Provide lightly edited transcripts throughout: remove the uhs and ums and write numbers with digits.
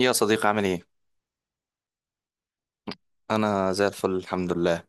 يا صديقي عامل ايه؟ انا زي الفل، الحمد لله.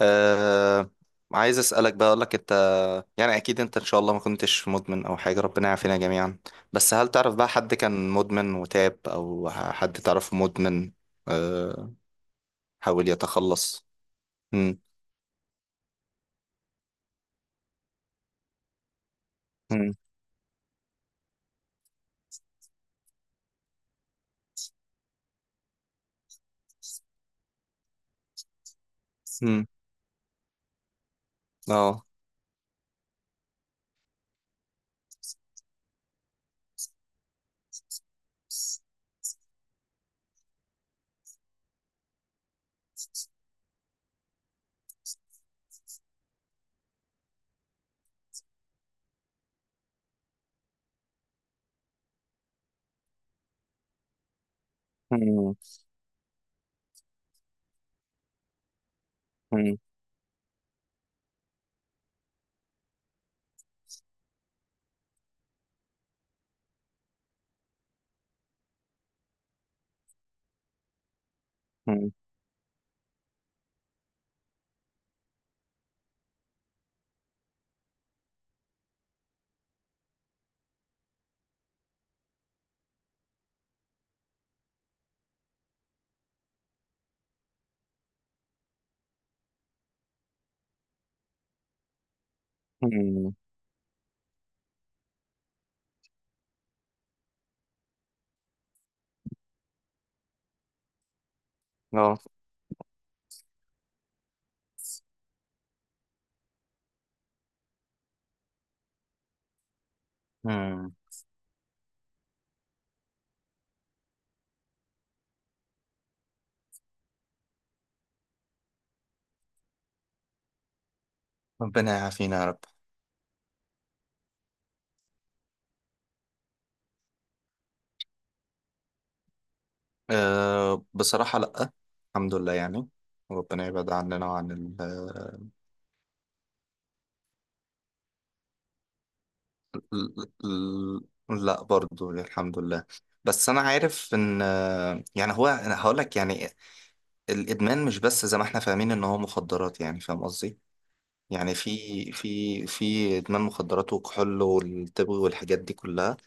أه. عايز اسالك بقى، اقول لك انت، يعني اكيد انت ان شاء الله ما كنتش مدمن او حاجه، ربنا يعافينا جميعا. بس هل تعرف بقى حد كان مدمن وتاب، او حد تعرفه مدمن؟ أه. حاول يتخلص؟ مم. مم. مم. اه. مم. مم. مم. مم. اه. مم. ربنا يعافينا يا رب. أه، بصراحه لا. الحمد لله يعني. ربنا يبعد عننا وعن ل- ل- لا برضو، الحمد لله. بس انا عارف ان يعني هو، انا هقول لك يعني، الادمان مش بس زي ما احنا فاهمين ان هو مخدرات، يعني فاهم قصدي؟ يعني في ادمان مخدرات والكحول والتبغ والحاجات دي كلها.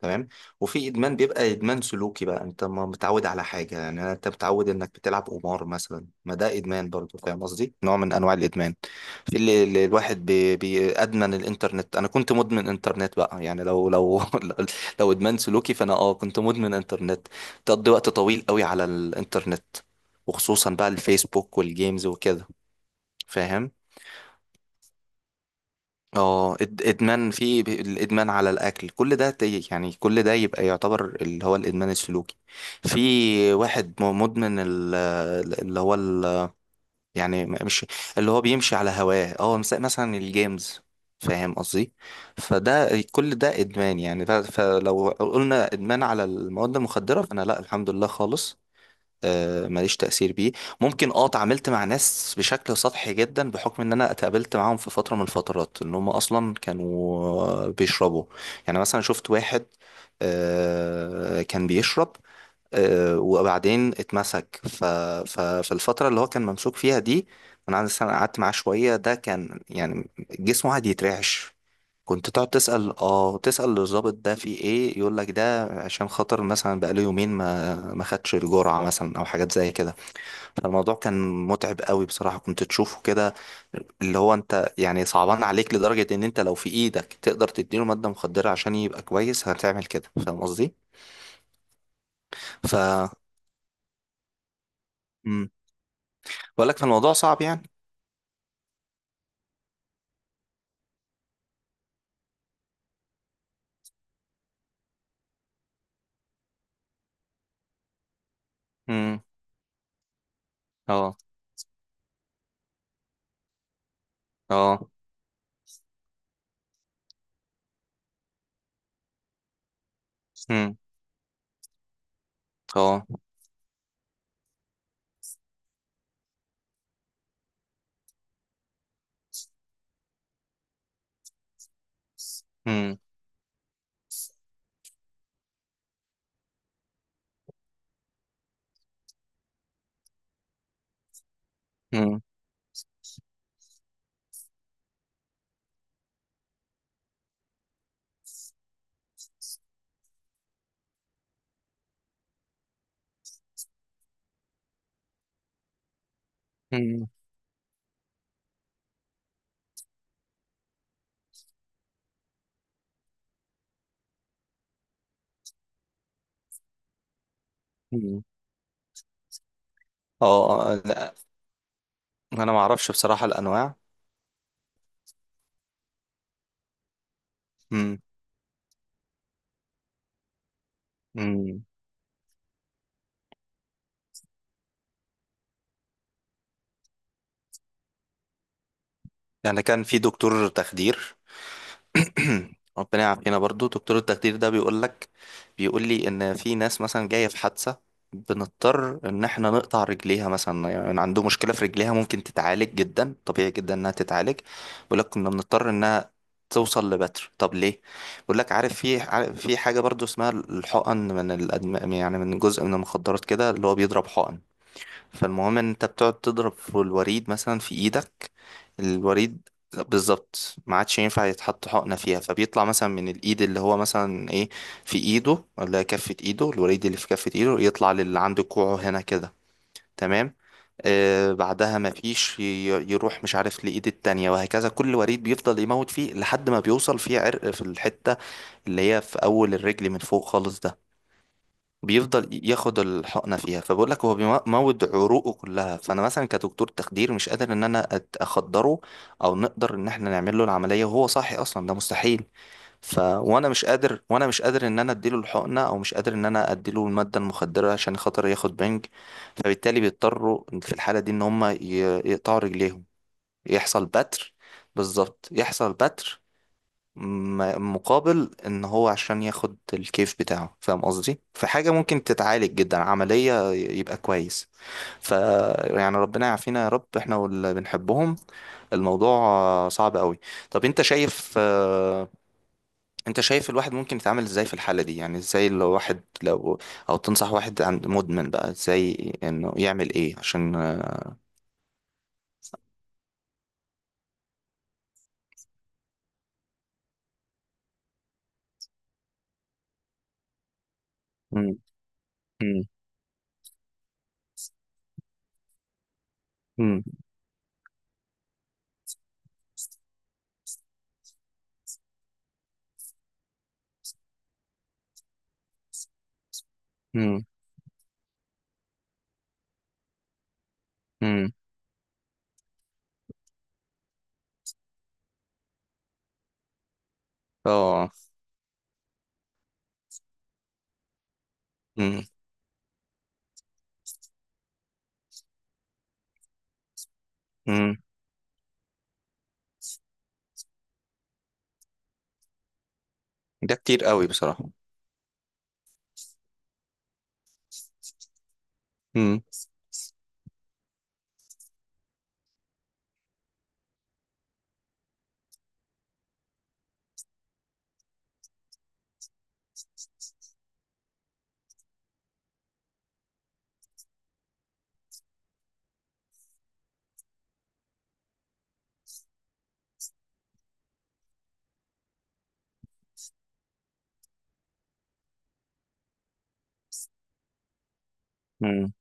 تمام. وفي ادمان بيبقى ادمان سلوكي بقى، انت ما متعود على حاجه، يعني انت متعود انك بتلعب قمار مثلا، ما ده ادمان برضو، فاهم قصدي؟ نوع من انواع الادمان. في اللي الواحد بي بي ادمن الانترنت، انا كنت مدمن انترنت بقى، يعني لو لو لو ادمان سلوكي فانا كنت مدمن انترنت. تقضي وقت طويل قوي على الانترنت، وخصوصا بقى الفيسبوك والجيمز وكده. فاهم. ادمان في الادمان على الاكل كل ده، يعني كل ده يبقى يعتبر اللي هو الادمان السلوكي. في واحد مدمن اللي هو يعني مش اللي هو بيمشي على هواه، مثلا الجيمز. فاهم قصدي؟ فده كل ده ادمان، يعني فلو قلنا ادمان على المواد المخدرة، فانا لا، الحمد لله خالص. ماليش تأثير بيه. ممكن اتعاملت مع ناس بشكل سطحي جدا، بحكم ان انا اتقابلت معاهم في فترة من الفترات ان هم اصلا كانوا بيشربوا. يعني مثلا شفت واحد، كان بيشرب، وبعدين اتمسك. ففي الفترة اللي هو كان ممسوك فيها دي، انا قعدت معاه شوية، ده كان يعني جسمه قاعد يترعش. كنت تقعد تسأل، تسأل الضابط ده في ايه، يقول لك ده عشان خاطر مثلا بقاله يومين ما خدش الجرعة مثلا، او حاجات زي كده. فالموضوع كان متعب قوي بصراحة، كنت تشوفه كده اللي هو، انت يعني صعبان عليك لدرجة ان انت لو في ايدك تقدر تديله مادة مخدرة عشان يبقى كويس هتعمل كده، فاهم قصدي؟ ف امم بقول لك، فالموضوع صعب يعني. امم. اه. اه. امم. اه. امم. امم. امم. اه. آه، لا. انا ما اعرفش بصراحة الانواع. امم. يعني كان في دكتور تخدير. ربنا يعافينا، برضو دكتور التخدير ده بيقول لك، بيقول لي ان في ناس مثلا جايه في حادثه، بنضطر ان احنا نقطع رجليها مثلا، يعني عنده مشكله في رجليها ممكن تتعالج جدا طبيعي، جدا انها تتعالج، بيقول لك كنا بنضطر انها توصل لبتر، طب ليه؟ بيقول لك عارف في حاجه برضو اسمها الحقن من يعني من جزء من المخدرات كده، اللي هو بيضرب حقن. فالمهم ان انت بتقعد تضرب في الوريد مثلا في ايدك، الوريد بالظبط ما عادش ينفع يتحط حقنة فيها، فبيطلع مثلا من الايد اللي هو مثلا ايه، في ايده ولا كفة ايده، الوريد اللي في كفة ايده يطلع للي عند كوعه هنا كده. تمام. آه بعدها ما فيش يروح مش عارف لإيد التانية، وهكذا كل وريد بيفضل يموت فيه لحد ما بيوصل فيه عرق في الحتة اللي هي في أول الرجل من فوق خالص، ده بيفضل ياخد الحقنه فيها. فبقول لك هو بيموت عروقه كلها، فانا مثلا كدكتور تخدير مش قادر ان انا اخدره، او نقدر ان احنا نعمل له العمليه وهو صاحي، اصلا ده مستحيل. ف وانا مش قادر وانا مش قادر ان انا اديله الحقنه، او مش قادر ان انا اديله الماده المخدره عشان خاطر ياخد بنج، فبالتالي بيضطروا في الحاله دي ان هم يقطعوا رجليهم، يحصل بتر، بالظبط يحصل بتر، مقابل ان هو عشان ياخد الكيف بتاعه، فاهم قصدي، في حاجة ممكن تتعالج جدا عملية يبقى كويس. ف يعني ربنا يعافينا يا رب، احنا واللي بنحبهم. الموضوع صعب قوي. طب انت شايف الواحد ممكن يتعامل ازاي في الحالة دي؟ يعني ازاي، لو واحد، او تنصح واحد عند مدمن بقى ازاي انه يعمل ايه عشان. مم. مم. مم. مم. مم. اه. مم. مم. ده كتير قوي بصراحة. مم. مم.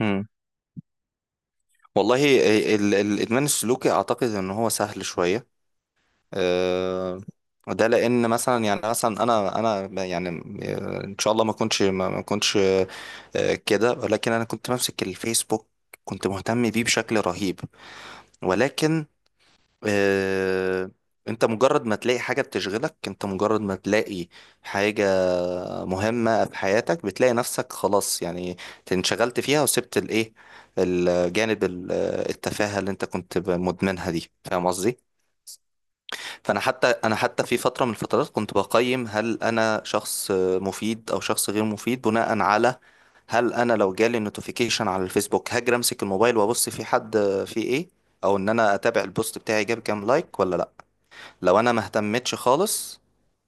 مم. والله، الادمان السلوكي اعتقد ان هو سهل شويه. أه. ده لان مثلا يعني مثلا انا يعني ان شاء الله ما كنتش كده. ولكن انا كنت بمسك الفيسبوك، كنت مهتم بيه بشكل رهيب، ولكن آه، انت مجرد ما تلاقي حاجة بتشغلك، انت مجرد ما تلاقي حاجة مهمة في حياتك، بتلاقي نفسك خلاص، يعني انشغلت فيها وسبت الايه، الجانب، التفاهة اللي انت كنت مدمنها دي، فاهم قصدي؟ انا حتى، انا حتى في فتره من الفترات كنت بقيم هل انا شخص مفيد او شخص غير مفيد بناء على، هل انا لو جالي نوتيفيكيشن على الفيسبوك هاجر امسك الموبايل وابص في حد في ايه، او ان انا اتابع البوست بتاعي جاب كام لايك ولا لا. لو انا ما اهتمتش خالص،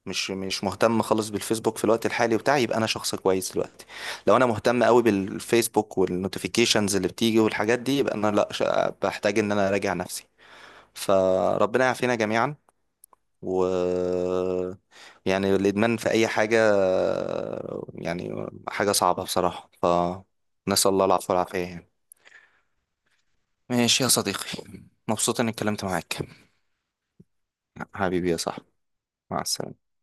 مش مهتم خالص بالفيسبوك في الوقت الحالي بتاعي، يبقى انا شخص كويس دلوقتي. لو انا مهتم قوي بالفيسبوك والنوتيفيكيشنز اللي بتيجي والحاجات دي، يبقى انا لا، بحتاج ان انا اراجع نفسي. فربنا يعافينا جميعا. و يعني الإدمان في أي حاجة، يعني حاجة صعبة بصراحة، فنسأل الله العفو والعافية يعني. ماشي يا صديقي، مبسوط إني اتكلمت معاك. حبيبي يا صاحبي، مع السلامة.